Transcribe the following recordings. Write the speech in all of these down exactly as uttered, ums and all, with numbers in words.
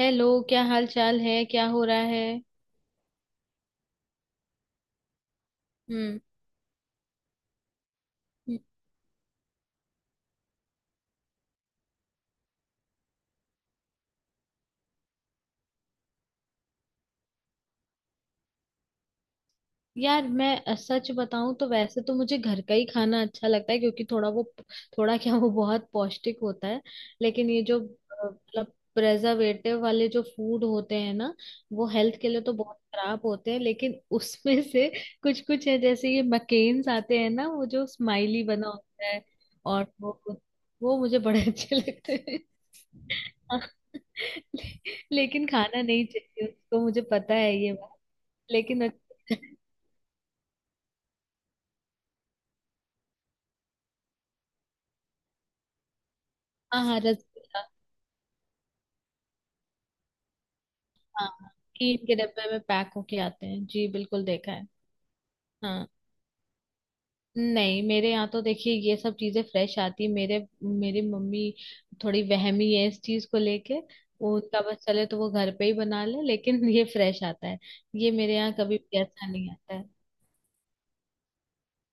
Hello, क्या हाल चाल है? क्या हो रहा है? हम्म। यार मैं अ, सच बताऊं तो वैसे तो मुझे घर का ही खाना अच्छा लगता है, क्योंकि थोड़ा वो थोड़ा क्या वो बहुत पौष्टिक होता है। लेकिन ये जो अ, मतलब प्रेजर्वेटिव वाले जो फूड होते हैं ना, वो हेल्थ के लिए तो बहुत खराब होते हैं, लेकिन उसमें से कुछ कुछ है। जैसे ये मकेन्स आते हैं ना, वो जो स्माइली बना होता है और वो वो मुझे बड़े अच्छे लगते। लेकिन खाना नहीं चाहिए उसको, मुझे पता है ये बात। लेकिन अच्छा- हाँ हाँ, रसगुल्ला। हाँ हाँ, टीन के डब्बे में पैक होके आते हैं जी, बिल्कुल देखा है। हाँ। नहीं, मेरे यहाँ तो देखिए ये सब चीजें फ्रेश आती है। मेरे मेरी मम्मी थोड़ी वहमी है इस चीज को लेके। वो, उनका बस चले तो वो घर पे ही बना ले, लेकिन ये फ्रेश आता है। ये मेरे यहाँ कभी भी ऐसा नहीं आता है।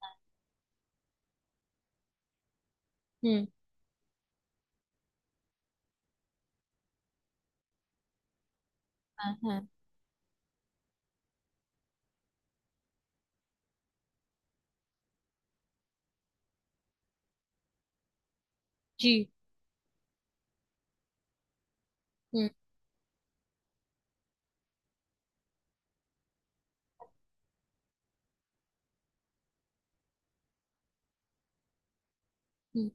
हाँ। हम्म। हाँ हाँ। जी। हम्म। हम्म।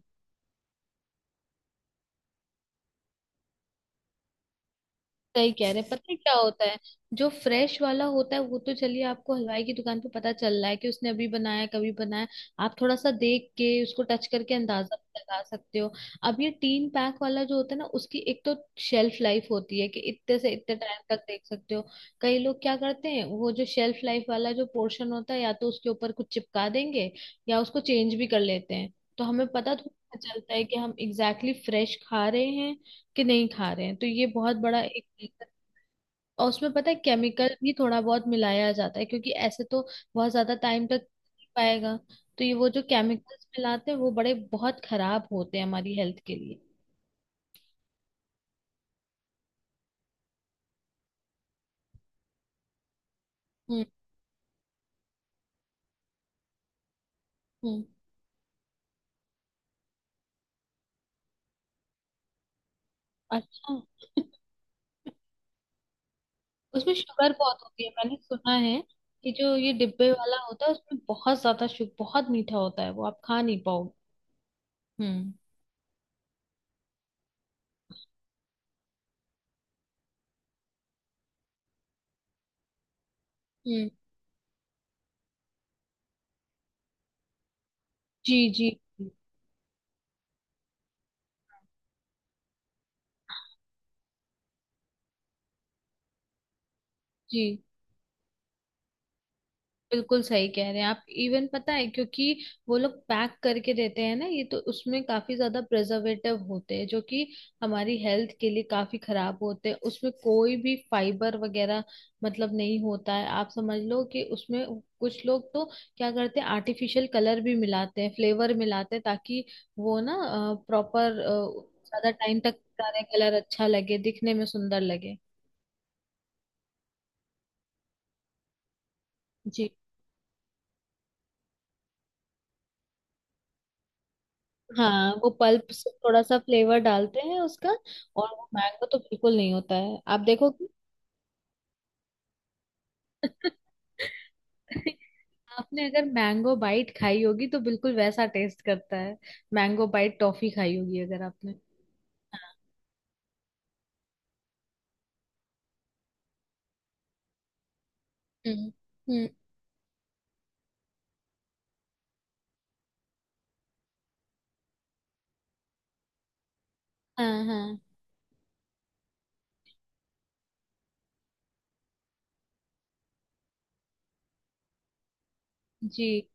सही कह रहे हैं। पता है क्या होता है, जो फ्रेश वाला होता है वो तो चलिए आपको हलवाई की दुकान पे पता चल रहा है कि उसने अभी बनाया है, कभी बनाया है। आप थोड़ा सा देख के उसको टच करके अंदाजा भी लगा सकते हो। अब ये तीन पैक वाला जो होता है ना, उसकी एक तो शेल्फ लाइफ होती है कि इतने से इतने टाइम तक देख सकते हो। कई लोग क्या करते हैं, वो जो शेल्फ लाइफ वाला जो पोर्शन होता है, या तो उसके ऊपर कुछ चिपका देंगे या उसको चेंज भी कर लेते हैं। तो हमें पता थोड़ा चलता है कि हम एग्जैक्टली exactly फ्रेश खा रहे हैं कि नहीं खा रहे हैं। तो ये बहुत बड़ा एक। और उसमें पता है केमिकल भी थोड़ा बहुत मिलाया जाता है, क्योंकि ऐसे तो बहुत ज्यादा टाइम तक नहीं पाएगा। तो ये वो जो केमिकल्स मिलाते हैं वो बड़े बहुत खराब होते हैं हमारी हेल्थ के लिए। हम्म। हम्म। अच्छा, उसमें शुगर बहुत होती है, मैंने सुना है कि जो ये डिब्बे वाला होता है उसमें बहुत ज्यादा शुगर, बहुत मीठा होता है, वो आप खा नहीं पाओगे। हम्म। हम्म। जी जी जी। बिल्कुल सही कह रहे हैं आप। इवन पता है क्योंकि वो लोग पैक करके देते हैं ना ये, तो उसमें काफी ज्यादा प्रिजर्वेटिव होते हैं जो कि हमारी हेल्थ के लिए काफी खराब होते हैं। उसमें कोई भी फाइबर वगैरह मतलब नहीं होता है। आप समझ लो कि उसमें कुछ लोग तो क्या करते हैं, आर्टिफिशियल कलर भी मिलाते हैं, फ्लेवर मिलाते हैं, ताकि वो ना प्रॉपर ज्यादा टाइम तक सारे कलर अच्छा लगे, दिखने में सुंदर लगे। जी। हाँ, वो पल्प से थोड़ा सा फ्लेवर डालते हैं उसका, और वो मैंगो तो बिल्कुल नहीं होता है, आप देखो कि। आपने अगर मैंगो बाइट खाई होगी तो बिल्कुल वैसा टेस्ट करता है, मैंगो बाइट टॉफी खाई होगी अगर आपने। हाँ। हम्म। हम्म, हाँ हाँ। जी।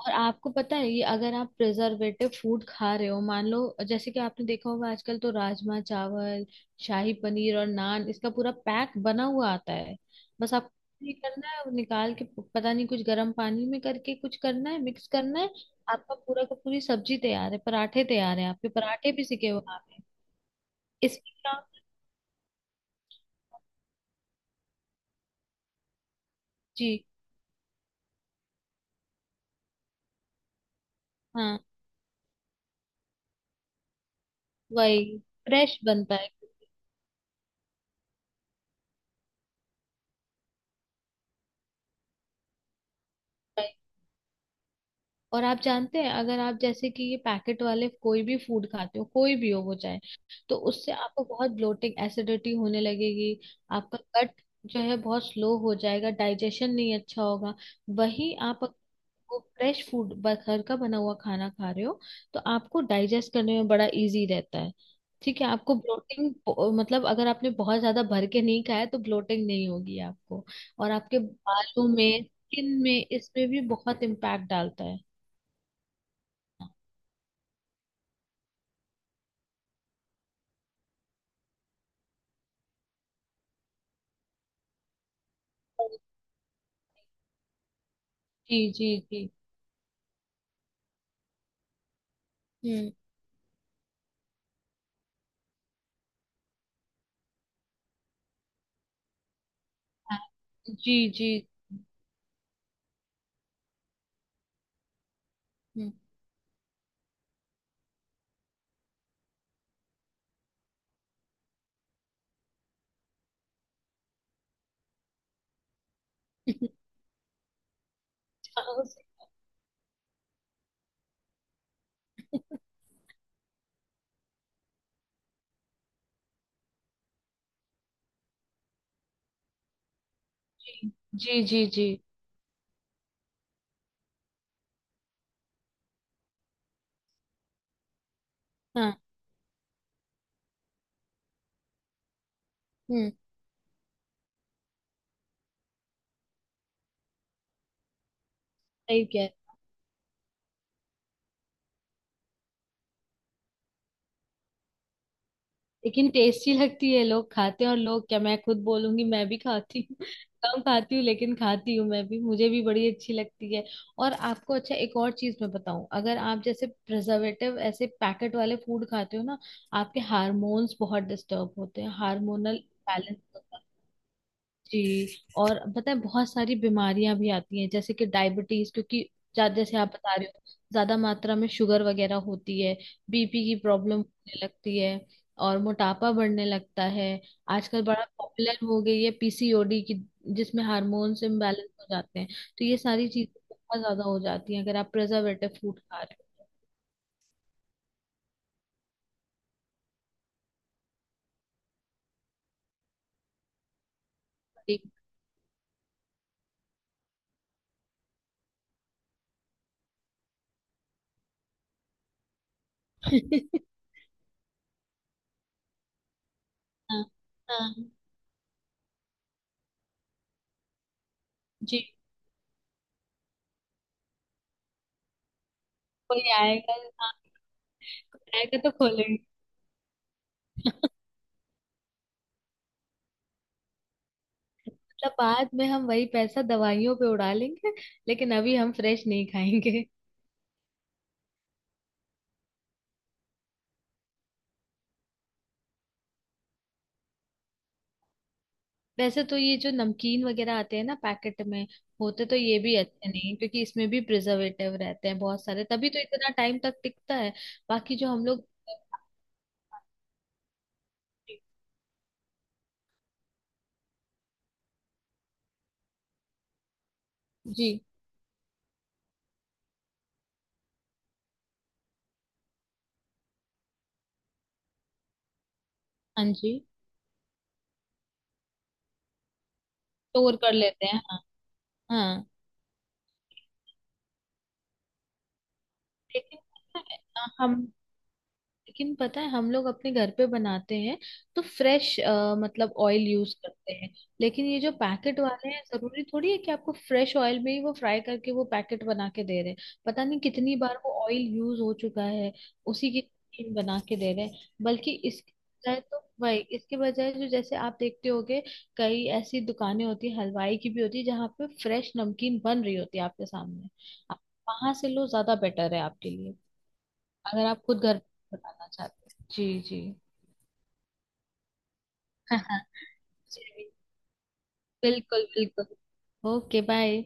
और आपको पता है, ये अगर आप प्रिजर्वेटिव फूड खा रहे हो, मान लो, जैसे कि आपने देखा होगा आजकल तो राजमा चावल, शाही पनीर और नान, इसका पूरा पैक बना हुआ आता है। बस आपको ये करना है, वो निकाल के प- पता नहीं कुछ गर्म पानी में करके कुछ करना है, मिक्स करना है। आपका पूरा का पूरी सब्जी तैयार है, पराठे तैयार है, आपके पराठे भी सिके हुए हैं। इसमें क्या। जी। हाँ। वही फ्रेश बनता है। और आप जानते हैं, अगर आप जैसे कि ये पैकेट वाले कोई भी फूड खाते हो, कोई भी हो वो चाहे, तो उससे आपको बहुत ब्लोटिंग, एसिडिटी होने लगेगी। आपका गट जो है बहुत स्लो हो जाएगा, डाइजेशन नहीं अच्छा होगा। वही आप अगर वो फ्रेश फूड, घर का बना हुआ खाना खा रहे हो, तो आपको डाइजेस्ट करने में बड़ा इजी रहता है। ठीक है, आपको ब्लोटिंग मतलब अगर आपने बहुत ज्यादा भर के नहीं खाया तो ब्लोटिंग नहीं होगी आपको। और आपके बालों में, स्किन में, इसमें भी बहुत इम्पैक्ट डालता है। जी जी जी। हम्म। हाँ, जी जी। हम्म। जी जी जी। हाँ। हम्म। सही क्या है, लेकिन टेस्टी लगती है, लोग खाते हैं, और लोग क्या मैं खुद बोलूंगी, मैं भी खाती हूँ। कम खाती हूँ लेकिन खाती हूँ मैं भी, मुझे भी बड़ी अच्छी लगती है। और आपको अच्छा एक और चीज मैं बताऊं, अगर आप जैसे प्रिजर्वेटिव ऐसे पैकेट वाले फूड खाते हो ना, आपके हार्मोन्स बहुत डिस्टर्ब होते हैं, हार्मोनल बैलेंस। जी। और पता है बहुत सारी बीमारियां भी आती हैं, जैसे कि डायबिटीज, क्योंकि जा- जैसे आप बता रहे हो, ज्यादा मात्रा में शुगर वगैरह होती है, बीपी की प्रॉब्लम होने लगती है, और मोटापा बढ़ने लगता है। आजकल बड़ा पॉपुलर हो गई है पीसीओडी की, जिसमें हार्मोन्स इम्बैलेंस हो जाते हैं। तो ये सारी चीजें बहुत ज्यादा हो जाती हैं अगर आप प्रिजर्वेटिव फूड खा रहे हो। ठीक। हाँ हाँ। जी। कोई आएगा। हाँ, कोई आएगा तो खोलेंगे। मतलब बाद में हम वही पैसा दवाइयों पे उड़ा लेंगे, लेकिन अभी हम फ्रेश नहीं खाएंगे। वैसे तो ये जो नमकीन वगैरह आते हैं ना पैकेट में, होते तो ये भी अच्छे नहीं हैं, क्योंकि इसमें भी प्रिजर्वेटिव रहते हैं बहुत सारे, तभी तो इतना टाइम तक टिकता है। बाकी जो हम लोग। जी। हाँ। जी, स्टोर कर लेते हैं। हाँ। हाँ। लेकिन हम लेकिन पता है हम लोग अपने घर पे बनाते हैं, तो फ्रेश मतलब ऑयल यूज करते हैं। लेकिन ये जो पैकेट वाले हैं, जरूरी थोड़ी है कि आपको फ्रेश ऑयल में ही वो फ्राई करके वो पैकेट बना के दे रहे हैं। पता नहीं कितनी बार वो ऑयल यूज हो चुका है, उसी की cream बना के दे रहे हैं। बल्कि इसके बजाय तो वही, इसके बजाय जो, जैसे आप देखते होगे कई ऐसी दुकानें होती है, हलवाई की भी होती है, जहाँ पे फ्रेश नमकीन बन रही होती है आपके सामने। आप वहां से लो, ज्यादा बेटर है आपके लिए। अगर आप खुद घर पे बनाना चाहते। जी जी। हो, बिल्कुल बिल्कुल। Okay bye.